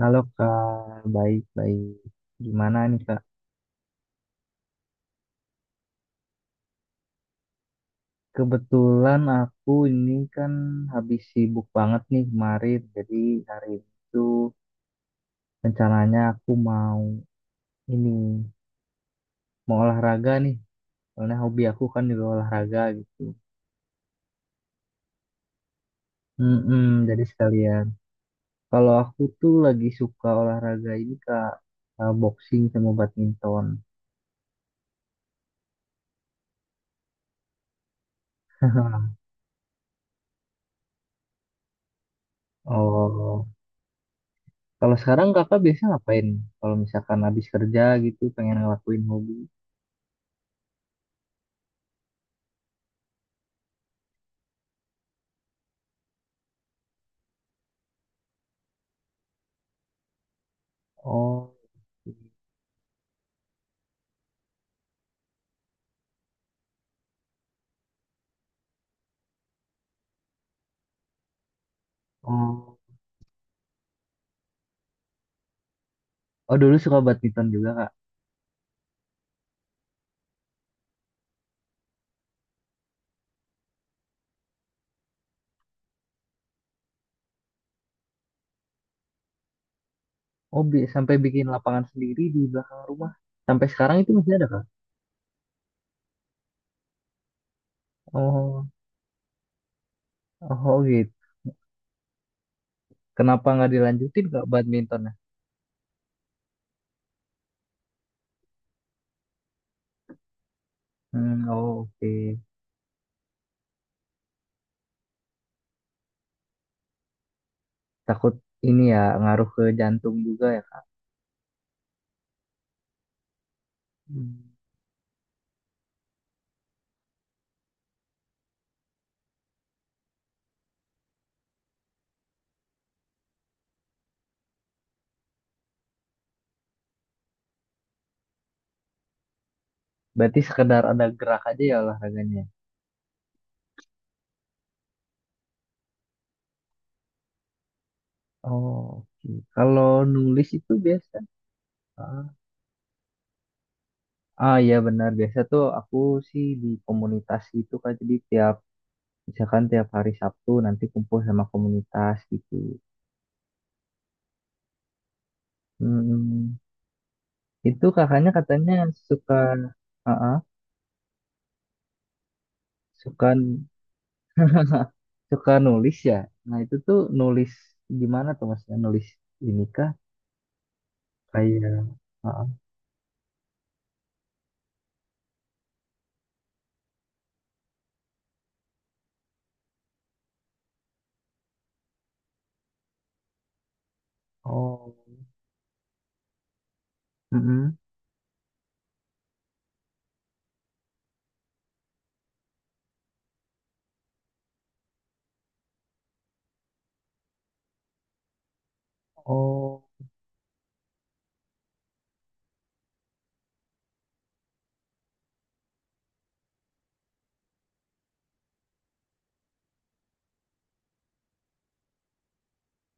Halo Kak, baik-baik. Gimana nih Kak? Kebetulan aku ini kan habis sibuk banget nih kemarin. Jadi hari itu rencananya aku mau ini, mau olahraga nih. Soalnya hobi aku kan juga olahraga gitu. Mm-mm, jadi sekalian. Kalau aku tuh lagi suka olahraga ini Kak, boxing sama badminton. Oh, kalau sekarang kakak biasanya ngapain? Kalau misalkan habis kerja gitu, pengen ngelakuin hobi. Oh, oh, oh dulu suka badminton juga kak. Oh, sampai bikin lapangan sendiri di belakang rumah. Sampai sekarang itu masih ada kak? Oh, oh oh, gitu. Kenapa nggak dilanjutin kak badmintonnya? Hmm, oh, oke. Takut ini ya ngaruh ke jantung juga ya kak. Hmm. Berarti sekedar ada gerak aja ya olahraganya. Oh, oke. Kalau nulis itu biasa. Ah, ah, iya benar biasa tuh aku sih di komunitas itu kak. Jadi misalkan tiap hari Sabtu nanti kumpul sama komunitas gitu. Hmm, itu kakaknya katanya suka uh suka nulis ya. Nah, itu tuh nulis gimana tuh maksudnya nulis ini kah kayak uh Oh. Mm-mm. Oh.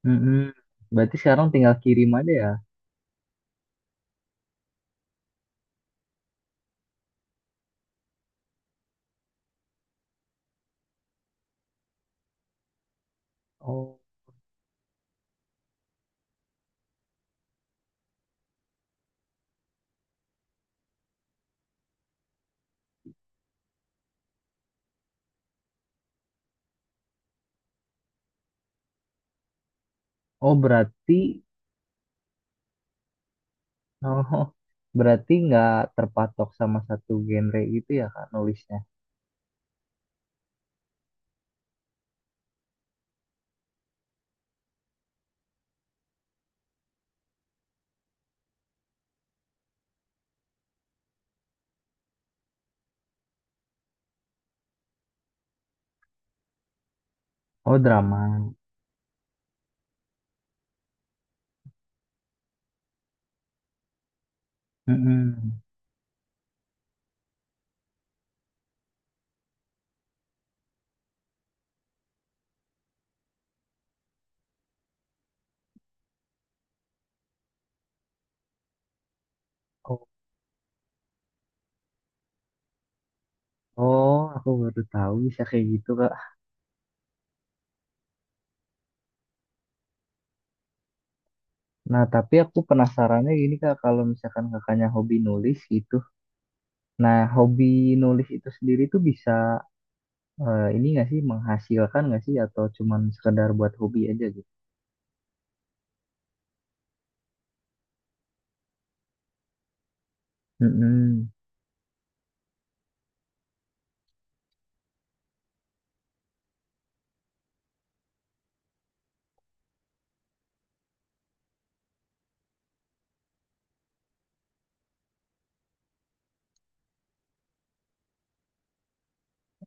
Mm-mm. Berarti sekarang tinggal kirim aja ya. Oh. Oh, oh, berarti nggak terpatok sama satu genre gitu ya Kak nulisnya. Oh, drama. Mm-mm. Oh, oh, aku baru tahu bisa kayak gitu, Kak. Nah, tapi aku penasarannya gini, Kak, kalau misalkan kakaknya hobi nulis gitu. Nah, hobi nulis itu sendiri tuh bisa eh, ini nggak sih menghasilkan nggak sih atau cuman sekedar buat hobi aja gitu? Mm-mm.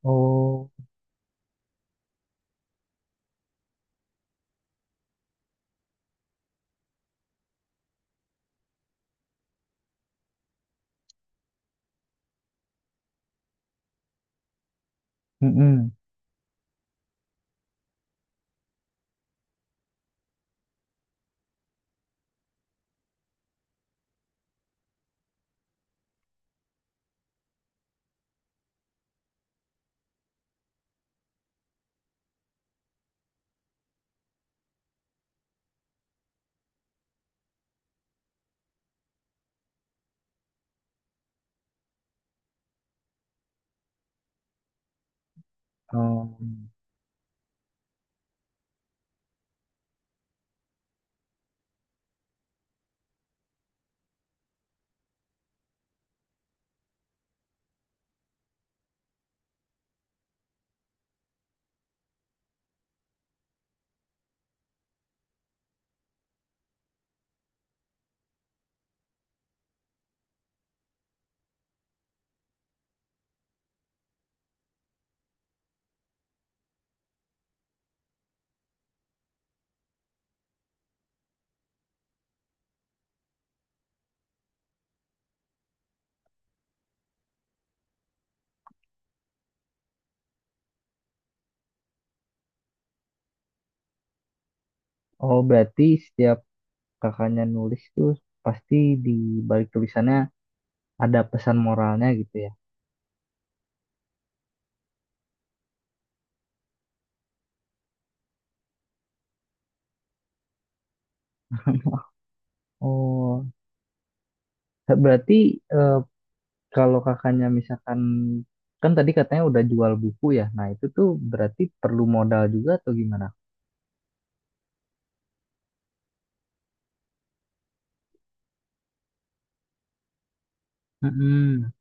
Oh. Mm-mm. Um, oh, berarti setiap kakaknya nulis tuh pasti di balik tulisannya ada pesan moralnya gitu ya. Oh, berarti, eh, kalau kakaknya misalkan kan tadi katanya udah jual buku ya. Nah, itu tuh berarti perlu modal juga atau gimana? Mm-mm.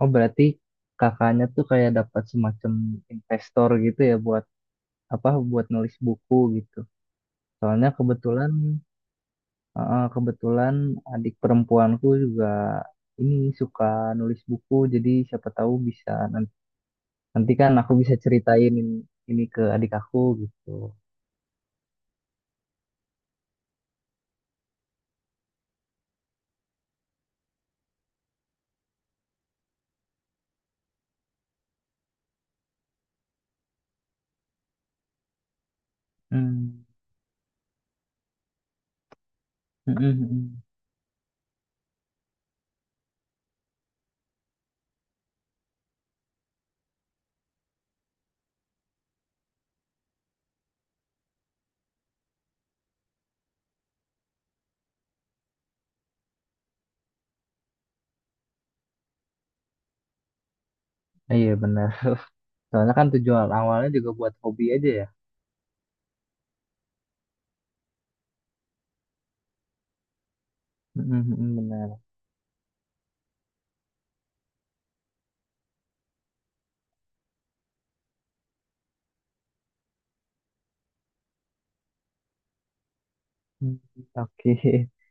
Oh, berarti kakaknya tuh kayak dapat semacam investor gitu ya buat apa buat nulis buku gitu. Soalnya kebetulan adik perempuanku juga ini suka nulis buku jadi siapa tahu bisa nanti kan aku bisa ceritain ini ke adik aku gitu. Hmm. Mm, mm, mm, mm. Iya, benar. Soalnya kan tujuan awalnya juga buat hobi aja ya. Mm, mm, mm, benar. Hmm, oke.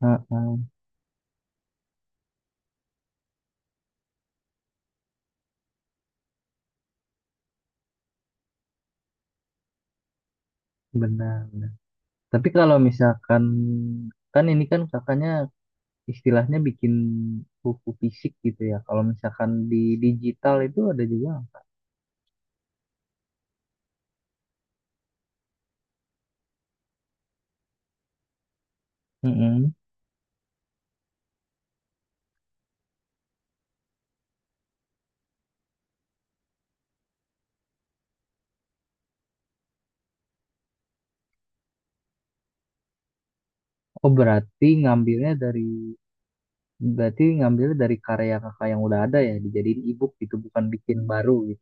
Heeh, benar, benar. Tapi kalau misalkan kan ini kan kakaknya istilahnya bikin buku fisik gitu ya. Kalau misalkan di digital itu ada juga. Mm-mm. Oh, berarti ngambilnya dari karya kakak yang udah ada ya dijadiin e-book gitu bukan bikin baru gitu.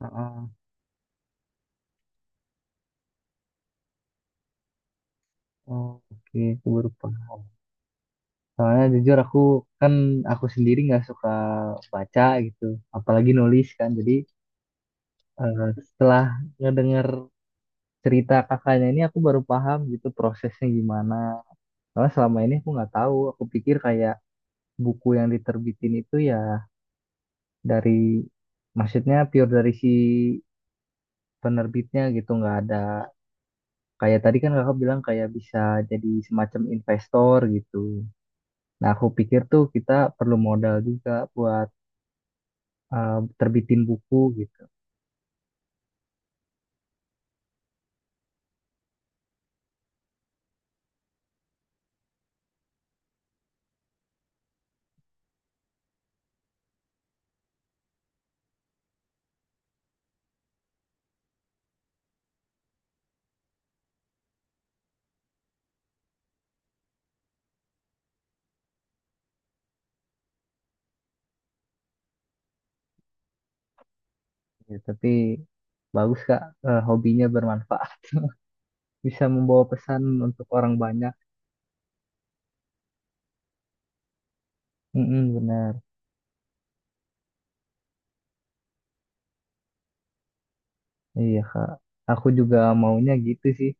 Heeh. Oh, oke, aku baru paham. Soalnya jujur aku kan aku sendiri nggak suka baca gitu, apalagi nulis kan. Jadi setelah ngedenger cerita kakaknya ini aku baru paham gitu prosesnya gimana. Soalnya selama ini aku nggak tahu. Aku pikir kayak buku yang diterbitin itu ya dari maksudnya pure dari si penerbitnya gitu, nggak ada kayak tadi kan kakak bilang kayak bisa jadi semacam investor gitu. Nah aku pikir tuh kita perlu modal juga buat terbitin buku gitu. Ya, tapi bagus Kak, hobinya bermanfaat. Bisa membawa pesan untuk orang banyak. Mm-mm, benar. Iya Kak. Aku juga maunya gitu sih.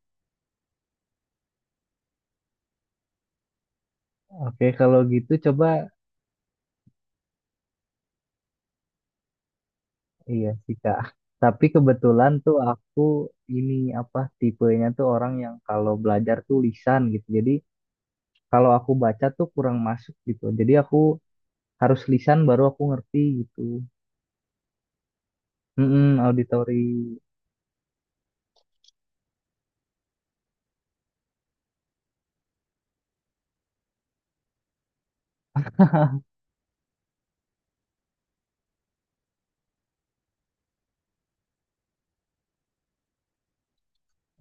Oke, kalau gitu coba iya sih Kak. Tapi kebetulan tuh aku ini apa tipenya tuh orang yang kalau belajar tuh lisan gitu. Jadi kalau aku baca tuh kurang masuk gitu. Jadi aku harus lisan baru aku ngerti gitu. Mm-mm, auditori.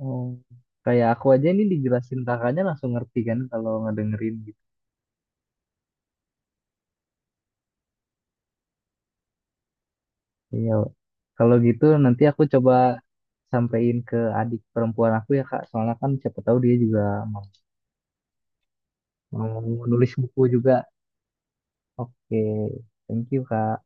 Oh. Kayak aku aja ini dijelasin kakaknya langsung ngerti kan kalau ngedengerin gitu. Iya. Wak. Kalau gitu nanti aku coba sampein ke adik perempuan aku ya Kak. Soalnya kan siapa tahu dia juga mau, mau, nulis buku juga. Oke, Thank you Kak.